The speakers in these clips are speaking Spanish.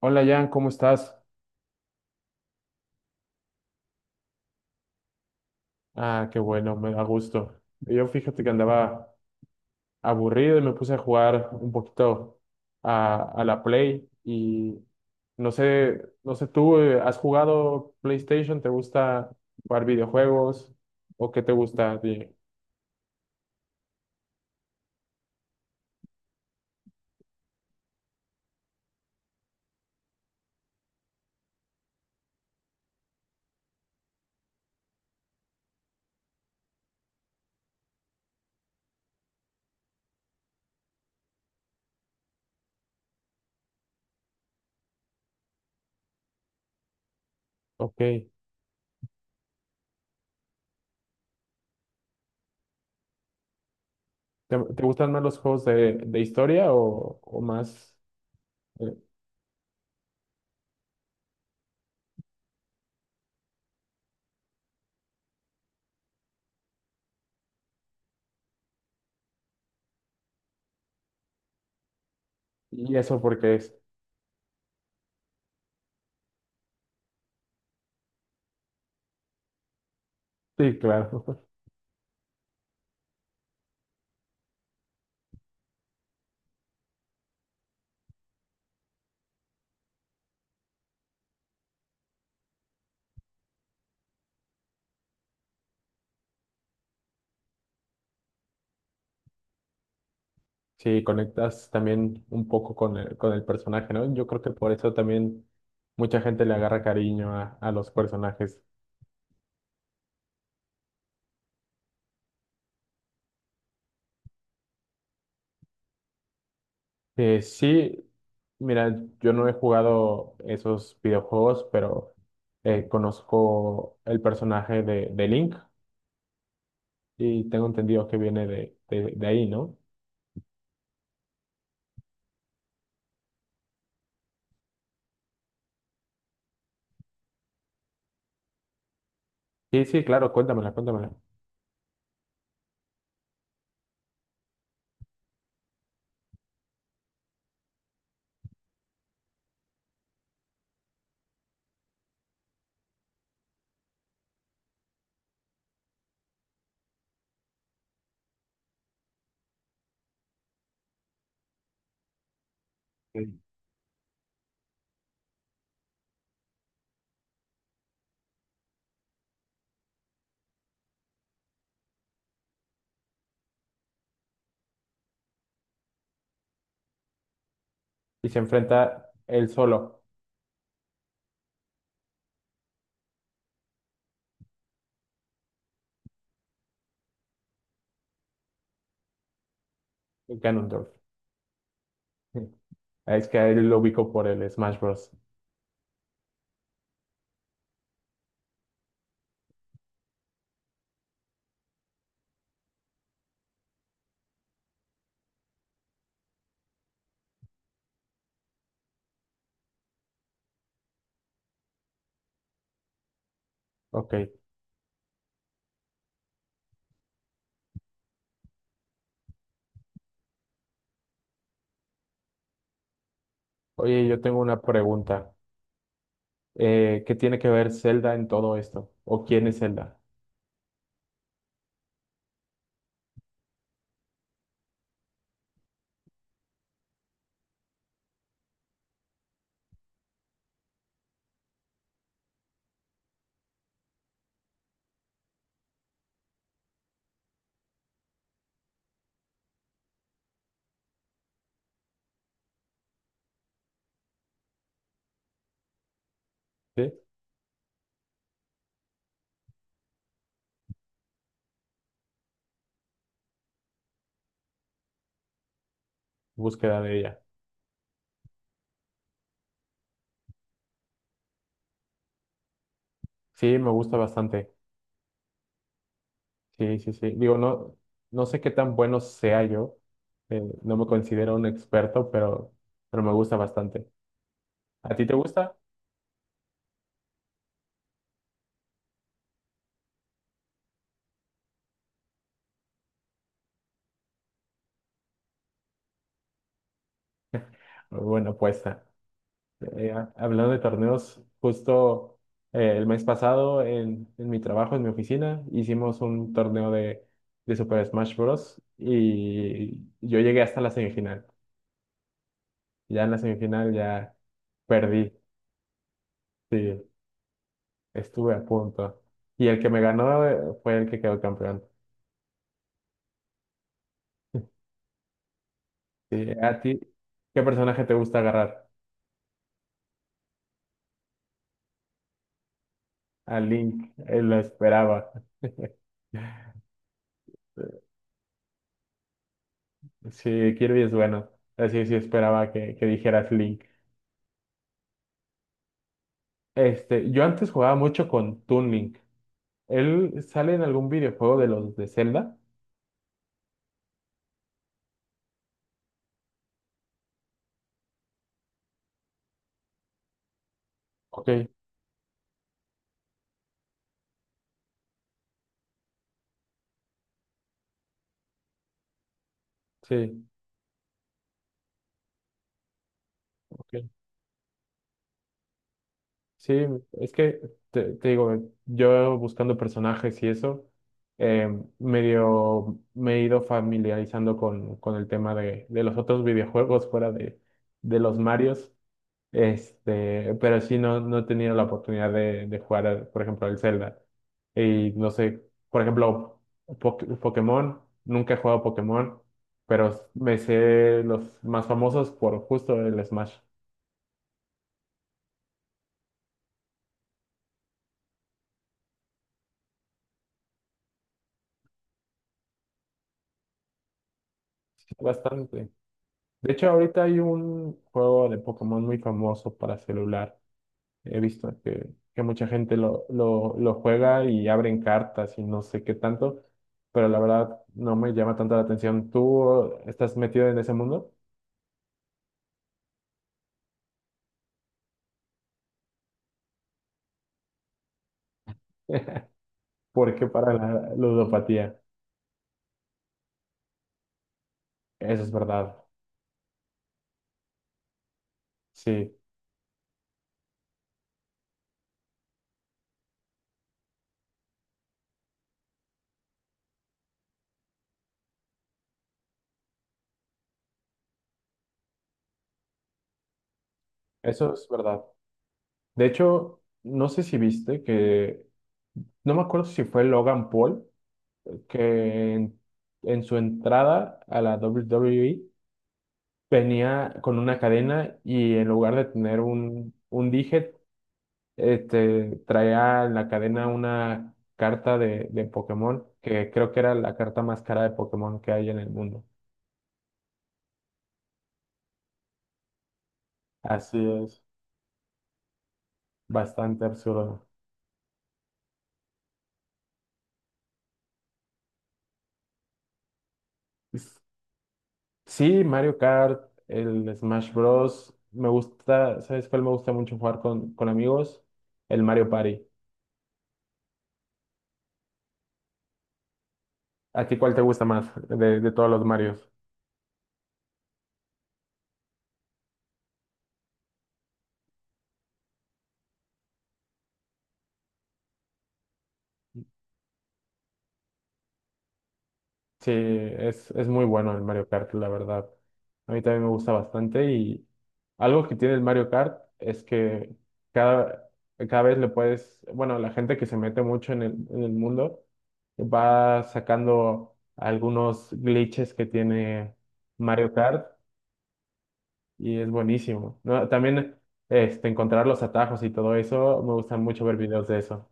Hola Jan, ¿cómo estás? Ah, qué bueno, me da gusto. Yo fíjate que andaba aburrido y me puse a jugar un poquito a la Play y no sé, ¿tú has jugado PlayStation? ¿Te gusta jugar videojuegos? ¿O qué te gusta? Ok, ¿te gustan más los juegos de historia o más? eh, ¿Y eso por qué es? Sí, claro. Sí, conectas también un poco con con el personaje, ¿no? Yo creo que por eso también mucha gente le agarra cariño a los personajes. Sí, mira, yo no he jugado esos videojuegos, pero conozco el personaje de Link y tengo entendido que viene de ahí, ¿no? Sí, sí, claro, cuéntamela, cuéntamela. Sí. Y se enfrenta él solo. Ganondorf. Es que a él lo ubico por el Smash Bros. Ok. Oye, yo tengo una pregunta. ¿Qué tiene que ver Zelda en todo esto? ¿O quién es Zelda? ¿Sí? Búsqueda de ella. Sí, me gusta bastante. Sí, sí, sí. Digo, no, no sé qué tan bueno sea yo. No me considero un experto, pero me gusta bastante. ¿A ti te gusta? Bueno, pues hablando de torneos, justo el mes pasado en mi trabajo, en mi oficina, hicimos un torneo de Super Smash Bros. Y yo llegué hasta la semifinal. Ya en la semifinal ya perdí, sí, estuve a punto. Y el que me ganó fue el que quedó campeón. Sí, a ti, ¿qué personaje te gusta agarrar? A Link, él lo esperaba. Sí, Kirby es bueno. Así sí sí, esperaba que dijeras Link. Este, yo antes jugaba mucho con Toon Link. ¿Él sale en algún videojuego de los de Zelda? Ok, sí, ok. Sí, es que te digo, yo buscando personajes y eso, eh, medio me he ido familiarizando con el tema de los otros videojuegos fuera de los Marios, este, pero sí no, no he tenido la oportunidad de jugar, por ejemplo, el Zelda. Y no sé, por ejemplo, Pokémon, nunca he jugado Pokémon, pero me sé los más famosos por justo el Smash. Bastante. De hecho, ahorita hay un juego de Pokémon muy famoso para celular. He visto que mucha gente lo juega y abren cartas y no sé qué tanto, pero la verdad no me llama tanto la atención. ¿Tú estás metido en ese mundo? Porque para la ludopatía. Eso es verdad. Sí, eso es verdad. De hecho, no sé si viste que, no me acuerdo si fue Logan Paul, que en su entrada a la WWE venía con una cadena y en lugar de tener un dije, este, traía en la cadena una carta de Pokémon, que creo que era la carta más cara de Pokémon que hay en el mundo. Así es, bastante absurdo. Es- Sí, Mario Kart, el Smash Bros. Me gusta, ¿sabes cuál me gusta mucho jugar con amigos? El Mario Party. ¿A ti cuál te gusta más de todos los Marios? Sí, es muy bueno el Mario Kart, la verdad. A mí también me gusta bastante y algo que tiene el Mario Kart es que cada, cada vez le puedes, bueno, la gente que se mete mucho en en el mundo va sacando algunos glitches que tiene Mario Kart y es buenísimo, ¿no? También este, encontrar los atajos y todo eso, me gustan mucho ver videos de eso.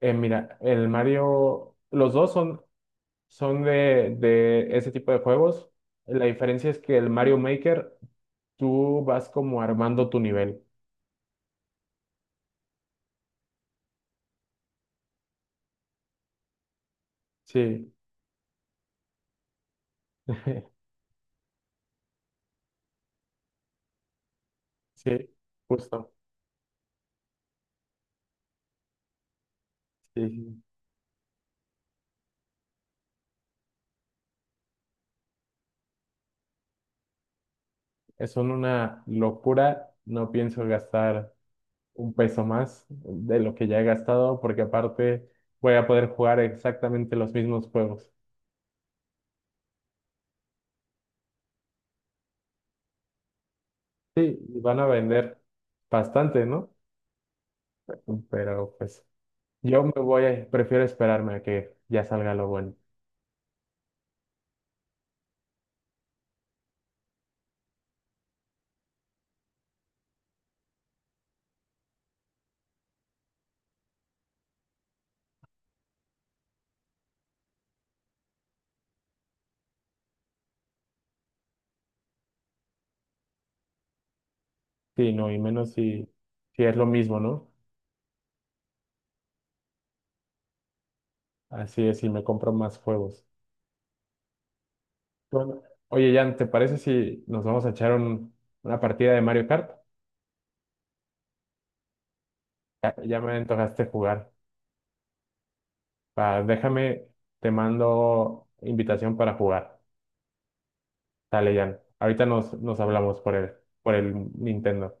Mira, el Mario, los dos son son de ese tipo de juegos. La diferencia es que el Mario Maker, tú vas como armando tu nivel. Sí, sí, justo. Sí, sí. Es Son una locura. No pienso gastar un peso más de lo que ya he gastado, porque aparte voy a poder jugar exactamente los mismos juegos. Sí, y van a vender bastante, ¿no? Pero pues yo me voy a, prefiero esperarme a que ya salga lo bueno. Sí, no, y menos si, si es lo mismo, ¿no? Así es, si me compro más juegos. Bueno, oye, Jan, ¿te parece si nos vamos a echar una partida de Mario Kart? Ya, ya me antojaste jugar. Déjame, te mando invitación para jugar. Dale, Jan. Ahorita nos hablamos por por el Nintendo.